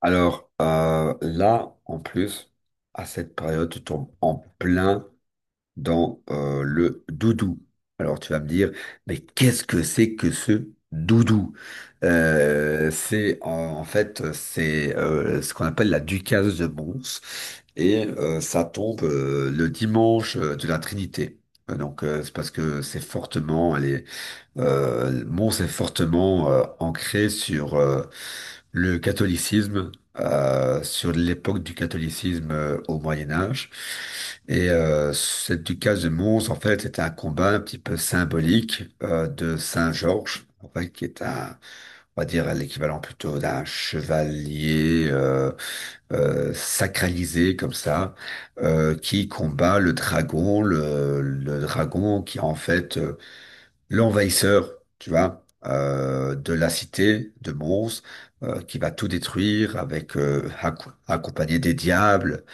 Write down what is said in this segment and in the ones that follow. Alors là, en plus, à cette période, tu tombes en plein dans le doudou. Alors tu vas me dire, mais qu'est-ce que c'est que ce doudou? Euh, c'est en, En fait c'est ce qu'on appelle la Ducasse de Mons et ça tombe le dimanche de la Trinité. Donc c'est parce que c'est fortement, elle est, Mons est fortement ancré sur le catholicisme sur l'époque du catholicisme au Moyen Âge. Et cette ducasse de Mons, en fait, c'était un combat un petit peu symbolique de Saint Georges, en fait, qui est un, on va dire, l'équivalent plutôt d'un chevalier sacralisé comme ça, qui combat le dragon, le dragon qui en fait l'envahisseur, tu vois, de la cité de Mons, qui va tout détruire avec accompagné des diables,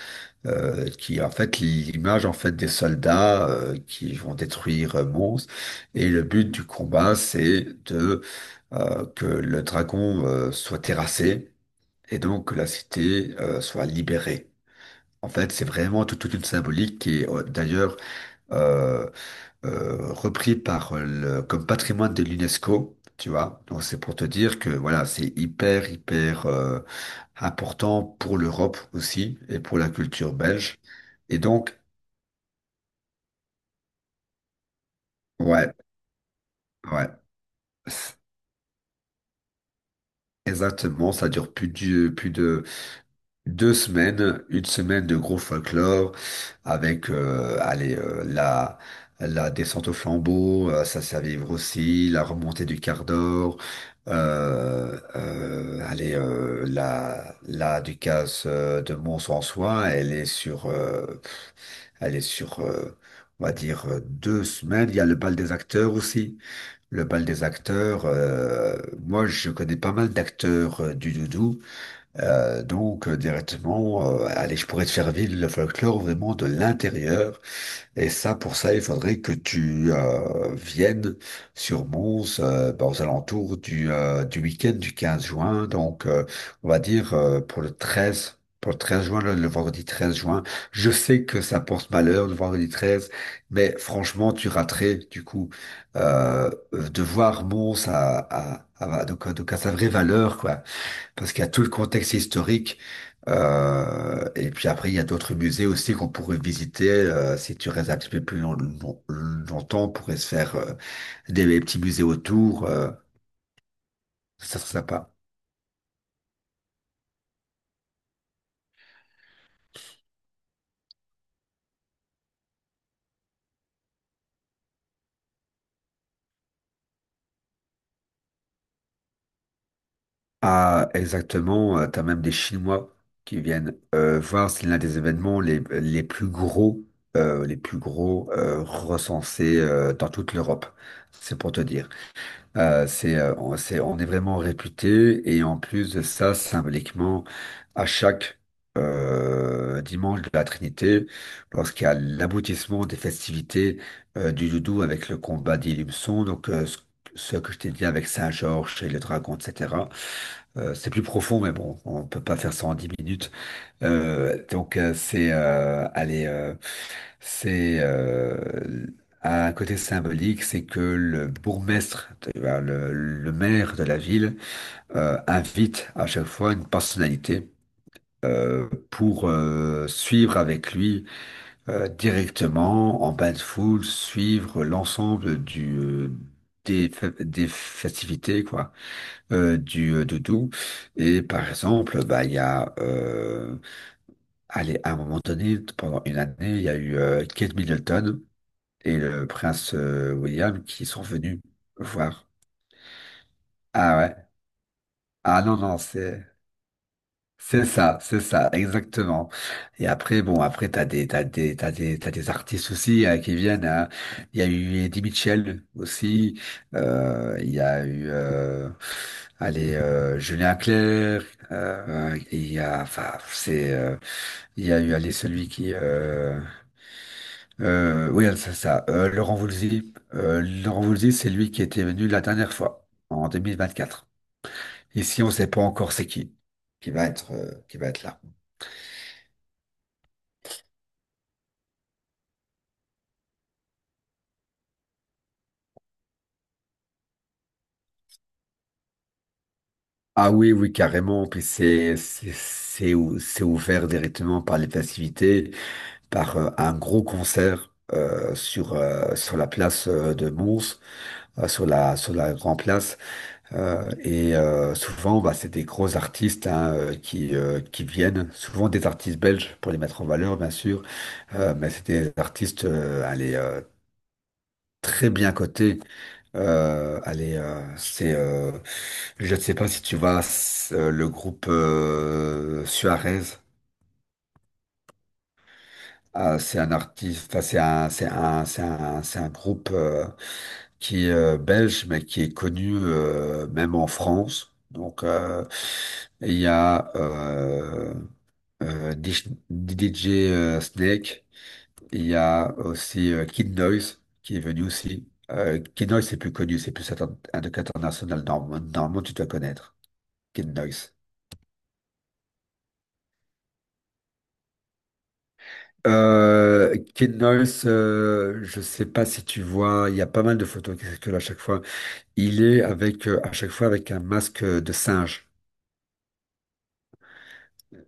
qui en fait l'image en fait des soldats qui vont détruire Mons. Et le but du combat, c'est de que le dragon soit terrassé et donc que la cité soit libérée. En fait, c'est vraiment toute une symbolique qui est d'ailleurs euh, repris comme patrimoine de l'UNESCO, tu vois. Donc c'est pour te dire que voilà, c'est hyper, hyper important pour l'Europe aussi et pour la culture belge. Et donc, ouais, ouais, c- exactement, ça dure plus de 2 semaines, une semaine de gros folklore avec allez, la descente au flambeau, ça c'est à vivre aussi, la remontée du quart d'or, allez, la Ducasse de Mons en soin elle est sur on va dire 2 semaines. Il y a le bal des acteurs aussi. Le bal des acteurs, moi je connais pas mal d'acteurs du doudou. Donc directement, allez, je pourrais te faire vivre le folklore vraiment de l'intérieur. Et ça, pour ça, il faudrait que tu viennes sur Mons ben, aux alentours du week-end du 15 juin. Donc, on va dire pour le 13. Pour le 13 juin, le vendredi 13 juin. Je sais que ça porte malheur, le vendredi 13, mais franchement, tu raterais, du coup, de voir Mons à, donc à sa vraie valeur, quoi parce qu'il y a tout le contexte historique. Et puis après, il y a d'autres musées aussi qu'on pourrait visiter. Si tu restes un petit peu plus longtemps, on pourrait se faire des petits musées autour. Ça serait sympa. Ah, exactement. Tu as même des Chinois qui viennent voir. C'est l'un des événements les plus gros recensés dans toute l'Europe. C'est pour te dire. On est vraiment réputé et en plus de ça, symboliquement, à chaque dimanche de la Trinité, lorsqu'il y a l'aboutissement des festivités du doudou avec le combat d'Ilumson, donc ce que je t'ai dit avec Saint-Georges et le dragon, etc. C'est plus profond, mais bon, on peut pas faire ça en 10 minutes. Donc c'est allez c'est un côté symbolique, c'est que le bourgmestre, eh ben, le maire de la ville invite à chaque fois une personnalité pour suivre avec lui directement en bain de foule, suivre l'ensemble des festivités quoi du de tout et par exemple bah il y a allez, à un moment donné, pendant une année, il y a eu Kate Middleton et le prince William qui sont venus voir. Ah ouais. Ah non, non, c'est ça, exactement. Et après, bon, après, t'as des artistes aussi qui viennent. Hein. Il y a eu Eddie Mitchell aussi. Il y a eu, allez, Julien Clerc. Il y a, enfin, il y a eu, allez. Oui, c'est ça. Laurent Voulzy. Laurent Voulzy, c'est lui qui était venu la dernière fois, en 2024. Ici, on ne sait pas encore c'est qui qui va être là. Ah oui, oui, carrément. Puis c'est ouvert directement par les festivités, par un gros concert sur la place de Mons, sur la Grand Place. Et souvent, bah, c'est des gros artistes hein, qui viennent, souvent des artistes belges pour les mettre en valeur, bien sûr, mais c'est des artistes allez, très bien cotés. Allez, je ne sais pas si tu vois le groupe Suarez. Ah, c'est un artiste, enfin, c'est un groupe. Qui est belge, mais qui est connu même en France. Donc, il y a DJ Snake, il y a aussi Kid Noise, qui est venu aussi. Kid Noise, c'est plus connu, c'est plus un truc international. Normalement, tu dois connaître Kid Noise. Kid Noise, je sais pas si tu vois, il y a pas mal de photos qui circulent à chaque fois. Il est avec à chaque fois avec un masque de singe.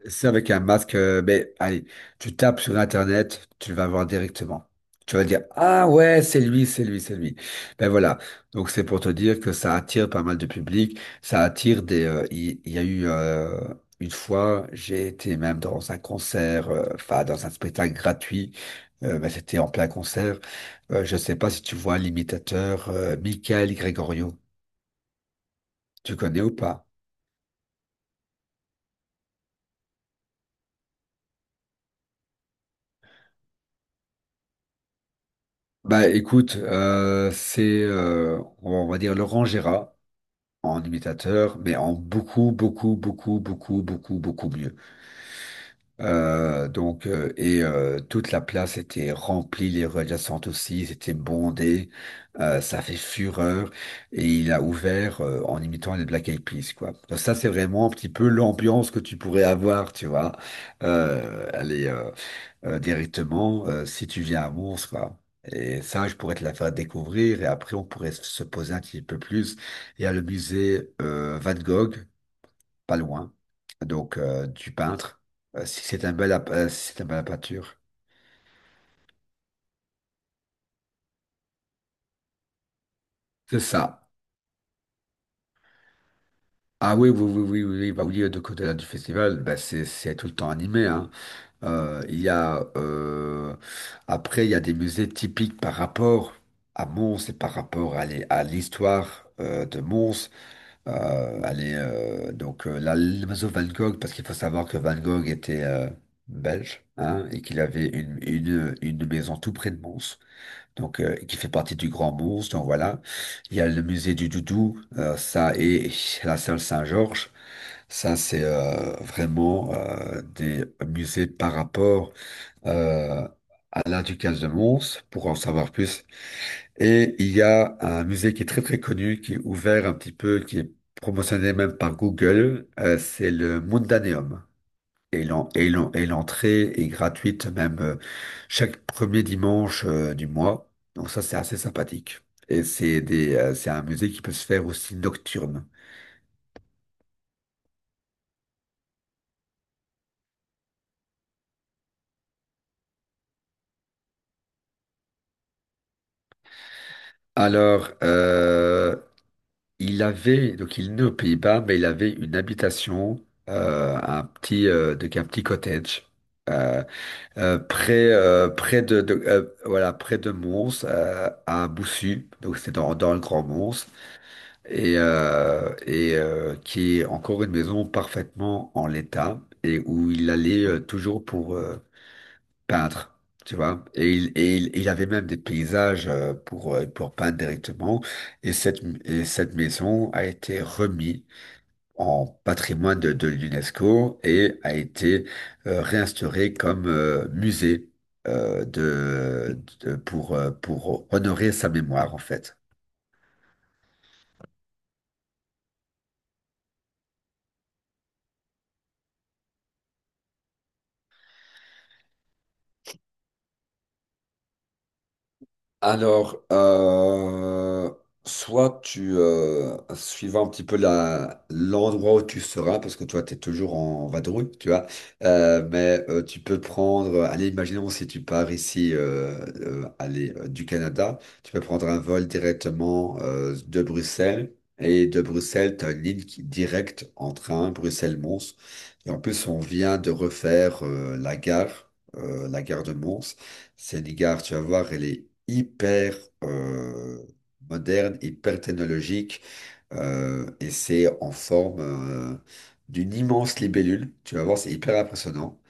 C'est avec un masque, mais allez, tu tapes sur Internet, tu vas voir directement. Tu vas dire, ah ouais, c'est lui, c'est lui, c'est lui. Ben voilà. Donc c'est pour te dire que ça attire pas mal de public. Ça attire des. Il y a eu une fois, j'ai été même dans un concert, enfin dans un spectacle gratuit. Ben, c'était en plein concert. Je sais pas si tu vois l'imitateur Michael Gregorio. Tu connais ou pas? Bah écoute, c'est on va dire Laurent Gérard. En imitateur, mais en beaucoup, beaucoup, beaucoup, beaucoup, beaucoup, beaucoup mieux. Donc, toute la place était remplie, les rues adjacentes aussi, c'était bondé, ça fait fureur, et il a ouvert en imitant les Black Eyed Peas, quoi. Donc ça, c'est vraiment un petit peu l'ambiance que tu pourrais avoir, tu vois. Allez, directement si tu viens à Mons, quoi. Et ça, je pourrais te la faire découvrir et après, on pourrait se poser un petit peu plus. Il y a le musée Van Gogh, pas loin, donc du peintre. Si c'est un bel à peinture. C'est ça. Ah oui, oui, oui, oui, oui, oui, bah oui, de côté là, du festival, bah c'est tout le temps animé, hein. Il y a Après il y a des musées typiques par rapport à Mons et par rapport à l'histoire de Mons. Allez, donc l'oiseau Van Gogh, parce qu'il faut savoir que Van Gogh était belge hein, et qu'il avait une maison tout près de Mons, donc qui fait partie du Grand Mons. Donc voilà, il y a le musée du Doudou, ça et la salle Saint-Georges. Ça, c'est vraiment des musées par rapport euh, à la Ducasse de Mons. Pour en savoir plus, et il y a un musée qui est très très connu, qui est ouvert un petit peu, qui est promotionné même par Google, c'est le Mundaneum. Et l'entrée est gratuite même chaque premier dimanche du mois. Donc ça, c'est assez sympathique. Et c'est un musée qui peut se faire aussi nocturne. Alors, donc il est né aux Pays-Bas, mais il avait une habitation, donc un petit cottage. euh, Près voilà, près de Mons, à Boussu, donc c'est dans le Grand Mons, et qui est encore une maison parfaitement en l'état, et où il allait toujours pour peindre. Tu vois, il avait même des paysages pour peindre directement. Et cette maison a été remise en patrimoine de l'UNESCO et a été réinstauré comme musée pour honorer sa mémoire en fait. Alors, suivant un petit peu l'endroit où tu seras, parce que toi, tu es toujours en vadrouille, tu vois. Mais tu peux prendre, allez, imaginons si tu pars ici, allez, du Canada, tu peux prendre un vol directement de Bruxelles, et de Bruxelles, tu as une ligne directe en train, Bruxelles-Mons, et en plus, on vient de refaire la gare de Mons. Cette gare, tu vas voir, elle est hyper euh, moderne, hyper technologique, et c'est en forme d'une immense libellule. Tu vas voir, c'est hyper impressionnant.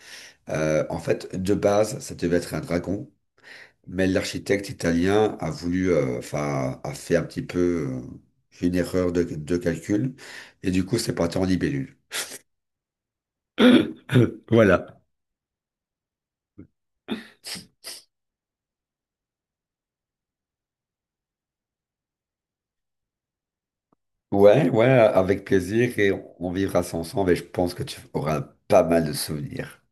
En fait, de base, ça devait être un dragon, mais l'architecte italien a voulu, enfin, a fait un petit peu une erreur de calcul, et du coup, c'est parti en libellule. Voilà. Ouais, ouais, avec plaisir, et on vivra ça ensemble, et je pense que tu auras pas mal de souvenirs.